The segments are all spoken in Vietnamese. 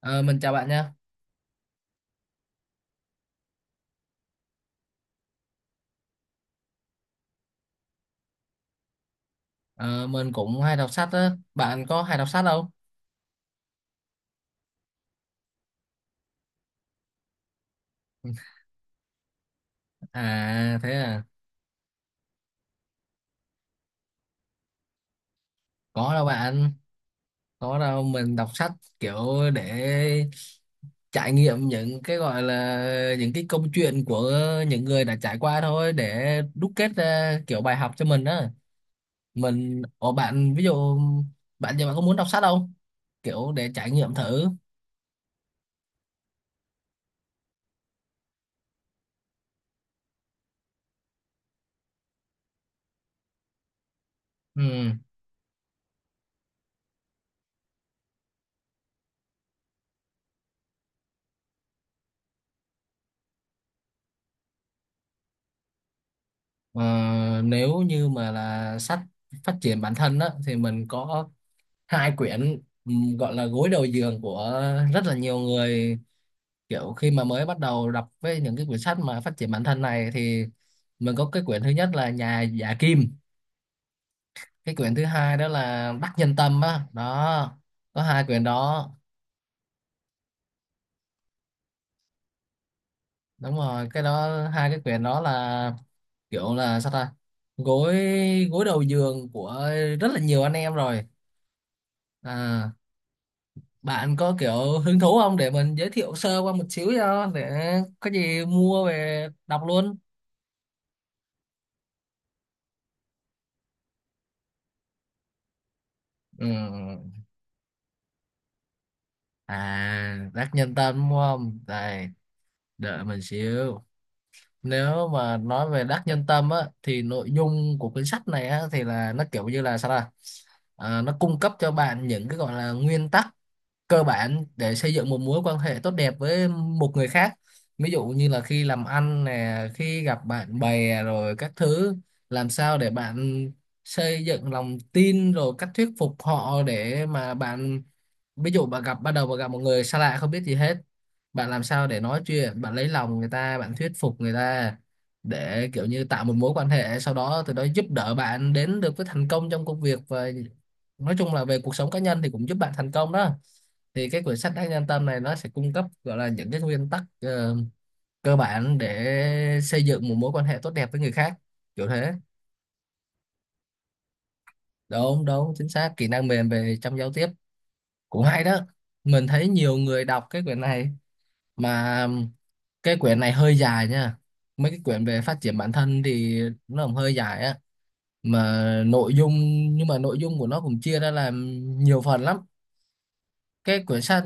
Ờ, mình chào bạn nha. Ờ, mình cũng hay đọc sách á. Bạn có hay đọc sách không? À thế à. Có đâu bạn. Có đâu, mình đọc sách kiểu để trải nghiệm những cái gọi là những cái câu chuyện của những người đã trải qua thôi, để đúc kết ra kiểu bài học cho mình á. Mình ở bạn, ví dụ bạn giờ bạn có muốn đọc sách không? Kiểu để trải nghiệm thử. Ừ. Ờ, nếu như mà là sách phát triển bản thân đó thì mình có hai quyển gọi là gối đầu giường của rất là nhiều người. Kiểu khi mà mới bắt đầu đọc với những cái quyển sách mà phát triển bản thân này thì mình có cái quyển thứ nhất là Nhà Giả Kim, cái quyển thứ hai đó là Đắc Nhân Tâm á đó. Có hai quyển đó, đúng rồi, cái đó. Hai cái quyển đó là kiểu là sao ta, gối gối đầu giường của rất là nhiều anh em rồi à. Bạn có kiểu hứng thú không để mình giới thiệu sơ qua một xíu cho, để có gì mua về đọc luôn. Ừ. À, rác nhân Tâm đúng không? Đây, đợi mình xíu. Nếu mà nói về Đắc Nhân Tâm á thì nội dung của cuốn sách này á thì là nó kiểu như là sao, là nó cung cấp cho bạn những cái gọi là nguyên tắc cơ bản để xây dựng một mối quan hệ tốt đẹp với một người khác. Ví dụ như là khi làm ăn nè, khi gặp bạn bè rồi các thứ, làm sao để bạn xây dựng lòng tin, rồi cách thuyết phục họ để mà bạn, ví dụ bạn gặp ban đầu bạn gặp một người xa lạ không biết gì hết, bạn làm sao để nói chuyện, bạn lấy lòng người ta, bạn thuyết phục người ta để kiểu như tạo một mối quan hệ, sau đó từ đó giúp đỡ bạn đến được với thành công trong công việc, và nói chung là về cuộc sống cá nhân thì cũng giúp bạn thành công đó. Thì cái quyển sách Đắc Nhân Tâm này nó sẽ cung cấp gọi là những cái nguyên tắc cơ bản để xây dựng một mối quan hệ tốt đẹp với người khác, kiểu thế. Đúng đúng, chính xác, kỹ năng mềm về trong giao tiếp. Cũng hay đó, mình thấy nhiều người đọc cái quyển này. Mà cái quyển này hơi dài nha, mấy cái quyển về phát triển bản thân thì nó cũng hơi dài á, mà nội dung, nhưng mà nội dung của nó cũng chia ra làm nhiều phần lắm. Cái quyển sách,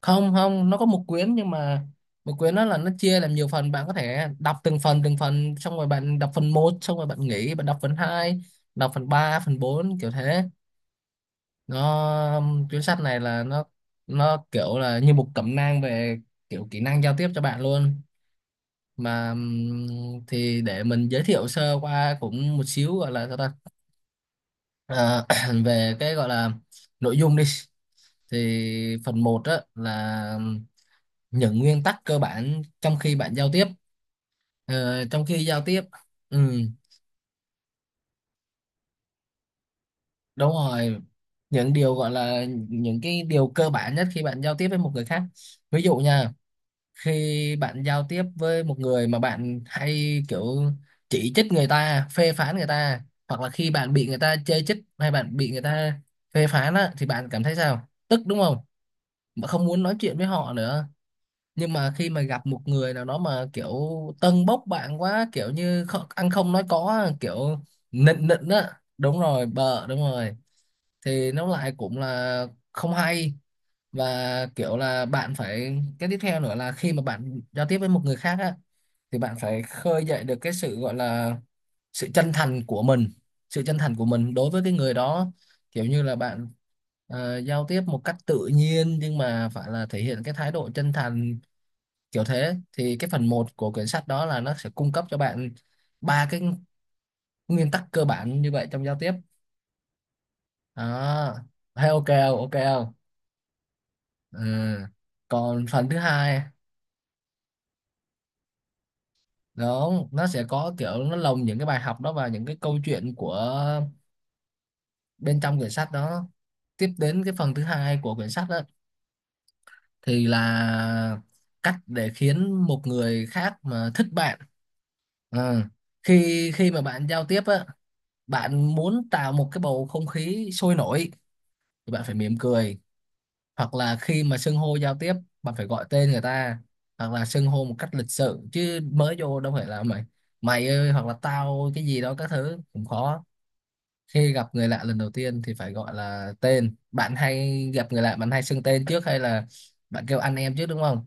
không không, nó có một quyển nhưng mà một quyển nó là nó chia làm nhiều phần, bạn có thể đọc từng phần từng phần, xong rồi bạn đọc phần một xong rồi bạn nghỉ, bạn đọc phần hai, đọc phần ba, phần bốn, kiểu thế. Nó quyển sách này là nó kiểu là như một cẩm nang về kiểu kỹ năng giao tiếp cho bạn luôn. Mà thì để mình giới thiệu sơ qua cũng một xíu, gọi là sao ta. Ờ, về cái gọi là nội dung đi, thì phần một á là những nguyên tắc cơ bản trong khi bạn giao tiếp. Ờ, trong khi giao tiếp. Ừ, đúng rồi, những điều gọi là những cái điều cơ bản nhất khi bạn giao tiếp với một người khác. Ví dụ nha, khi bạn giao tiếp với một người mà bạn hay kiểu chỉ trích người ta, phê phán người ta, hoặc là khi bạn bị người ta chê trích hay bạn bị người ta phê phán á, thì bạn cảm thấy sao, tức đúng không, mà không muốn nói chuyện với họ nữa. Nhưng mà khi mà gặp một người nào đó mà kiểu tâng bốc bạn quá, kiểu như ăn không nói có á, kiểu nịnh nịnh á, đúng rồi, bợ đúng rồi. Thì nó lại cũng là không hay. Và kiểu là bạn phải, cái tiếp theo nữa là khi mà bạn giao tiếp với một người khác á thì bạn phải khơi dậy được cái sự gọi là sự chân thành của mình, sự chân thành của mình đối với cái người đó. Kiểu như là bạn giao tiếp một cách tự nhiên nhưng mà phải là thể hiện cái thái độ chân thành, kiểu thế. Thì cái phần một của quyển sách đó là nó sẽ cung cấp cho bạn ba cái nguyên tắc cơ bản như vậy trong giao tiếp đó. Thấy ok không, ok không? Ừ. Còn phần thứ hai, đúng, nó sẽ có kiểu nó lồng những cái bài học đó vào những cái câu chuyện của bên trong quyển sách đó. Tiếp đến cái phần thứ hai của quyển sách đó thì là cách để khiến một người khác mà thích bạn. Ờ, khi khi mà bạn giao tiếp á, bạn muốn tạo một cái bầu không khí sôi nổi thì bạn phải mỉm cười, hoặc là khi mà xưng hô giao tiếp bạn phải gọi tên người ta, hoặc là xưng hô một cách lịch sự, chứ mới vô đâu phải là mày, mày ơi hoặc là tao cái gì đó, các thứ cũng khó. Khi gặp người lạ lần đầu tiên thì phải gọi là tên, bạn hay gặp người lạ bạn hay xưng tên trước hay là bạn kêu anh em trước đúng không?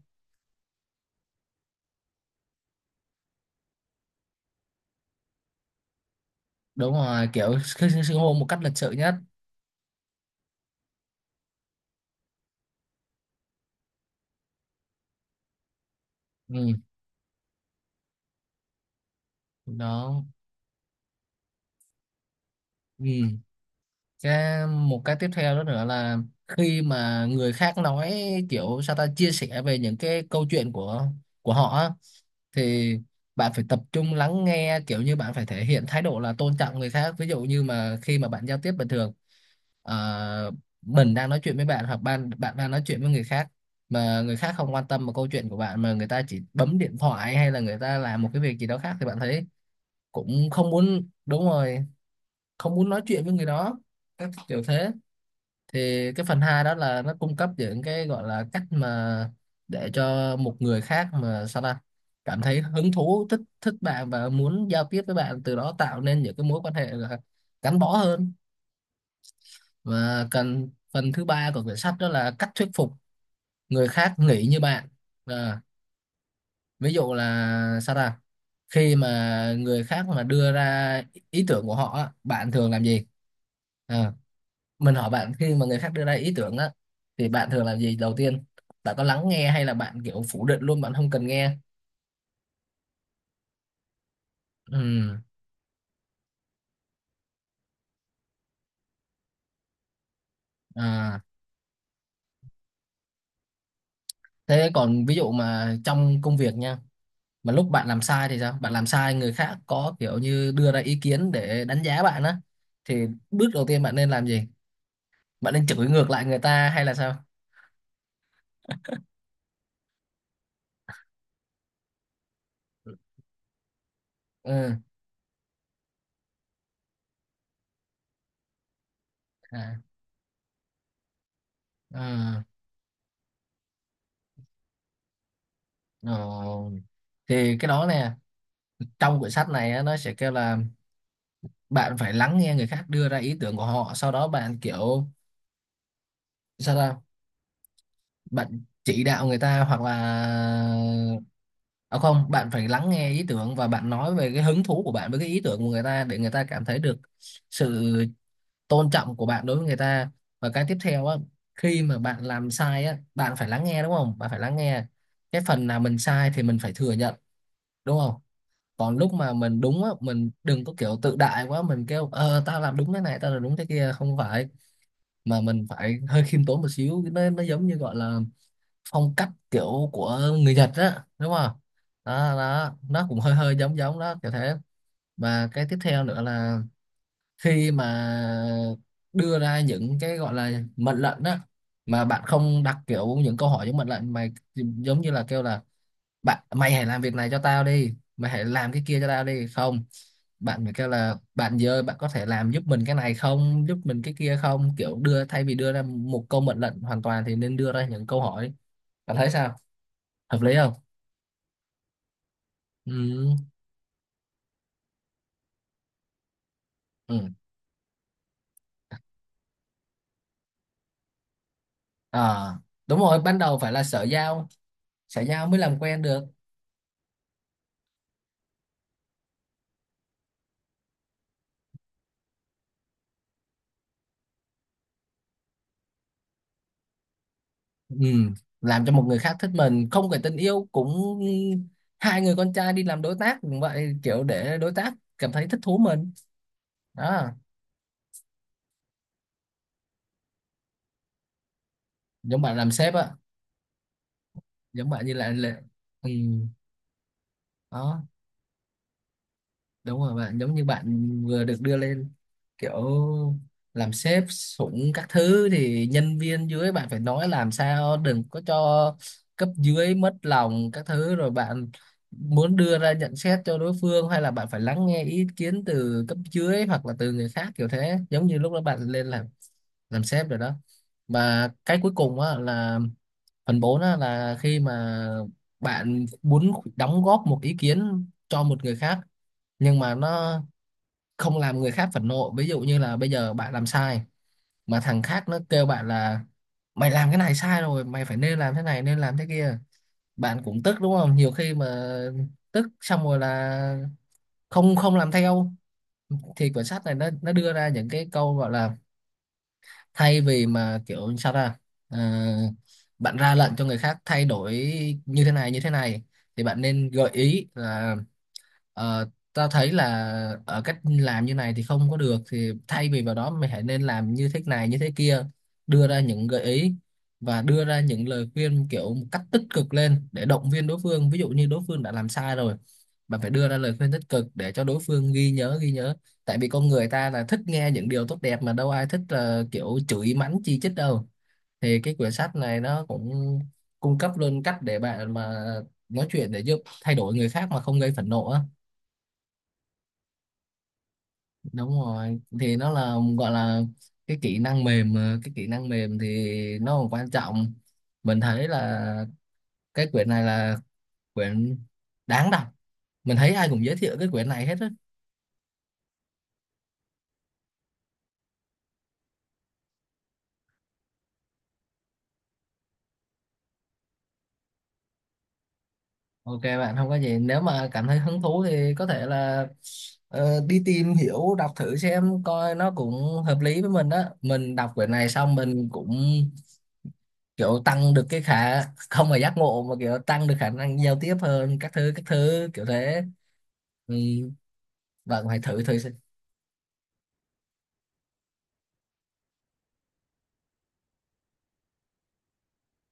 Đúng rồi, kiểu xưng xưng- xưng hô một cách lịch sự nhất. Ừ, đó. Ừ, cái một cái tiếp theo đó nữa là khi mà người khác nói kiểu sao ta, chia sẻ về những cái câu chuyện của họ á, thì bạn phải tập trung lắng nghe, kiểu như bạn phải thể hiện thái độ là tôn trọng người khác. Ví dụ như mà khi mà bạn giao tiếp bình thường, ờ, mình đang nói chuyện với bạn hoặc bạn bạn đang nói chuyện với người khác mà người khác không quan tâm vào câu chuyện của bạn, mà người ta chỉ bấm điện thoại hay là người ta làm một cái việc gì đó khác, thì bạn thấy cũng không muốn, đúng rồi, không muốn nói chuyện với người đó, các kiểu thế. Thì cái phần hai đó là nó cung cấp những cái gọi là cách mà để cho một người khác mà sao ta cảm thấy hứng thú, thích thích bạn và muốn giao tiếp với bạn, từ đó tạo nên những cái mối quan hệ là gắn bó hơn. Và cần phần thứ ba của quyển sách đó là cách thuyết phục người khác nghĩ như bạn. À, ví dụ là sao ta, khi mà người khác mà đưa ra ý tưởng của họ á, bạn thường làm gì? À, mình hỏi bạn, khi mà người khác đưa ra ý tưởng á thì bạn thường làm gì đầu tiên? Bạn có lắng nghe hay là bạn kiểu phủ định luôn, bạn không cần nghe? Ừ. À, thế còn ví dụ mà trong công việc nha, mà lúc bạn làm sai thì sao, bạn làm sai người khác có kiểu như đưa ra ý kiến để đánh giá bạn á, thì bước đầu tiên bạn nên làm gì? Bạn nên chửi ngược lại người ta hay là sao? Ừ. À, ừ. Rồi. Thì cái đó nè, trong quyển sách này á, nó sẽ kêu là bạn phải lắng nghe người khác đưa ra ý tưởng của họ, sau đó bạn kiểu sao ta? Bạn chỉ đạo người ta hoặc là, à không, bạn phải lắng nghe ý tưởng và bạn nói về cái hứng thú của bạn với cái ý tưởng của người ta, để người ta cảm thấy được sự tôn trọng của bạn đối với người ta. Và cái tiếp theo á, khi mà bạn làm sai á, bạn phải lắng nghe đúng không? Bạn phải lắng nghe. Cái phần nào mình sai thì mình phải thừa nhận, đúng không? Còn lúc mà mình đúng á, mình đừng có kiểu tự đại quá, mình kêu tao làm đúng thế này, tao làm đúng thế kia, không phải mà mình phải hơi khiêm tốn một xíu, nó giống như gọi là phong cách kiểu của người Nhật á đúng không? Đó đó, nó cũng hơi hơi giống giống đó kiểu thế. Và cái tiếp theo nữa là khi mà đưa ra những cái gọi là mệnh lệnh á, mà bạn không đặt kiểu những câu hỏi giống mệnh lệnh mà giống như là kêu là bạn mày hãy làm việc này cho tao đi, mày hãy làm cái kia cho tao đi, không, bạn phải kêu là bạn giờ bạn có thể làm giúp mình cái này không, giúp mình cái kia không, kiểu đưa thay vì đưa ra một câu mệnh lệnh hoàn toàn thì nên đưa ra những câu hỏi. Bạn thấy sao, hợp lý không? Ừ. Ừ. À, đúng rồi, ban đầu phải là xã giao, xã giao mới làm quen được. Ừ. Làm cho một người khác thích mình không phải tình yêu cũng hai người con trai đi làm đối tác cũng vậy, kiểu để đối tác cảm thấy thích thú mình. Đó, giống bạn làm sếp á, giống bạn như là... Ừ. Đó, đúng rồi, bạn giống như bạn vừa được đưa lên kiểu làm sếp sủng các thứ thì nhân viên dưới bạn phải nói làm sao đừng có cho cấp dưới mất lòng các thứ, rồi bạn muốn đưa ra nhận xét cho đối phương hay là bạn phải lắng nghe ý kiến từ cấp dưới hoặc là từ người khác kiểu thế, giống như lúc đó bạn lên làm sếp rồi đó. Và cái cuối cùng á là phần 4 á, là khi mà bạn muốn đóng góp một ý kiến cho một người khác nhưng mà nó không làm người khác phẫn nộ. Ví dụ như là bây giờ bạn làm sai mà thằng khác nó kêu bạn là mày làm cái này sai rồi, mày phải nên làm thế này nên làm thế kia, bạn cũng tức đúng không, nhiều khi mà tức xong rồi là không không làm theo. Thì quyển sách này nó đưa ra những cái câu gọi là thay vì mà kiểu sao ra, Ờ, bạn ra lệnh cho người khác thay đổi như thế này thì bạn nên gợi ý là, ta thấy là ở cách làm như này thì không có được, thì thay vì vào đó mày hãy nên làm như thế này như thế kia, đưa ra những gợi ý và đưa ra những lời khuyên kiểu một cách tích cực lên để động viên đối phương. Ví dụ như đối phương đã làm sai rồi, bạn phải đưa ra lời khuyên tích cực để cho đối phương ghi nhớ ghi nhớ, tại vì con người ta là thích nghe những điều tốt đẹp mà đâu ai thích là kiểu chửi mắng chi chít đâu. Thì cái quyển sách này nó cũng cung cấp luôn cách để bạn mà nói chuyện để giúp thay đổi người khác mà không gây phẫn nộ á. Đúng rồi, thì nó là gọi là cái kỹ năng mềm, mà cái kỹ năng mềm thì nó còn quan trọng. Mình thấy là cái quyển này là quyển đáng đọc, mình thấy ai cũng giới thiệu cái quyển này hết á. OK bạn, không có gì, nếu mà cảm thấy hứng thú thì có thể là đi tìm hiểu đọc thử xem coi nó cũng hợp lý với mình đó. Mình đọc quyển này xong mình cũng kiểu tăng được cái khả, không phải giác ngộ mà kiểu tăng được khả năng giao tiếp hơn các thứ kiểu thế. Ừ. Vâng, phải thử thử xem.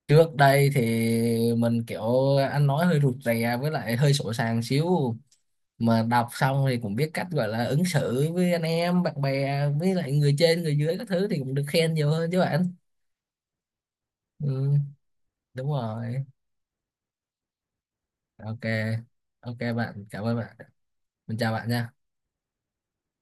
Trước đây thì mình kiểu ăn nói hơi rụt rè với lại hơi sổ sàng xíu, mà đọc xong thì cũng biết cách gọi là ứng xử với anh em bạn bè với lại người trên người dưới các thứ thì cũng được khen nhiều hơn chứ bạn. Ừ, đúng rồi. OK. OK bạn, cảm ơn bạn. Mình chào bạn nha.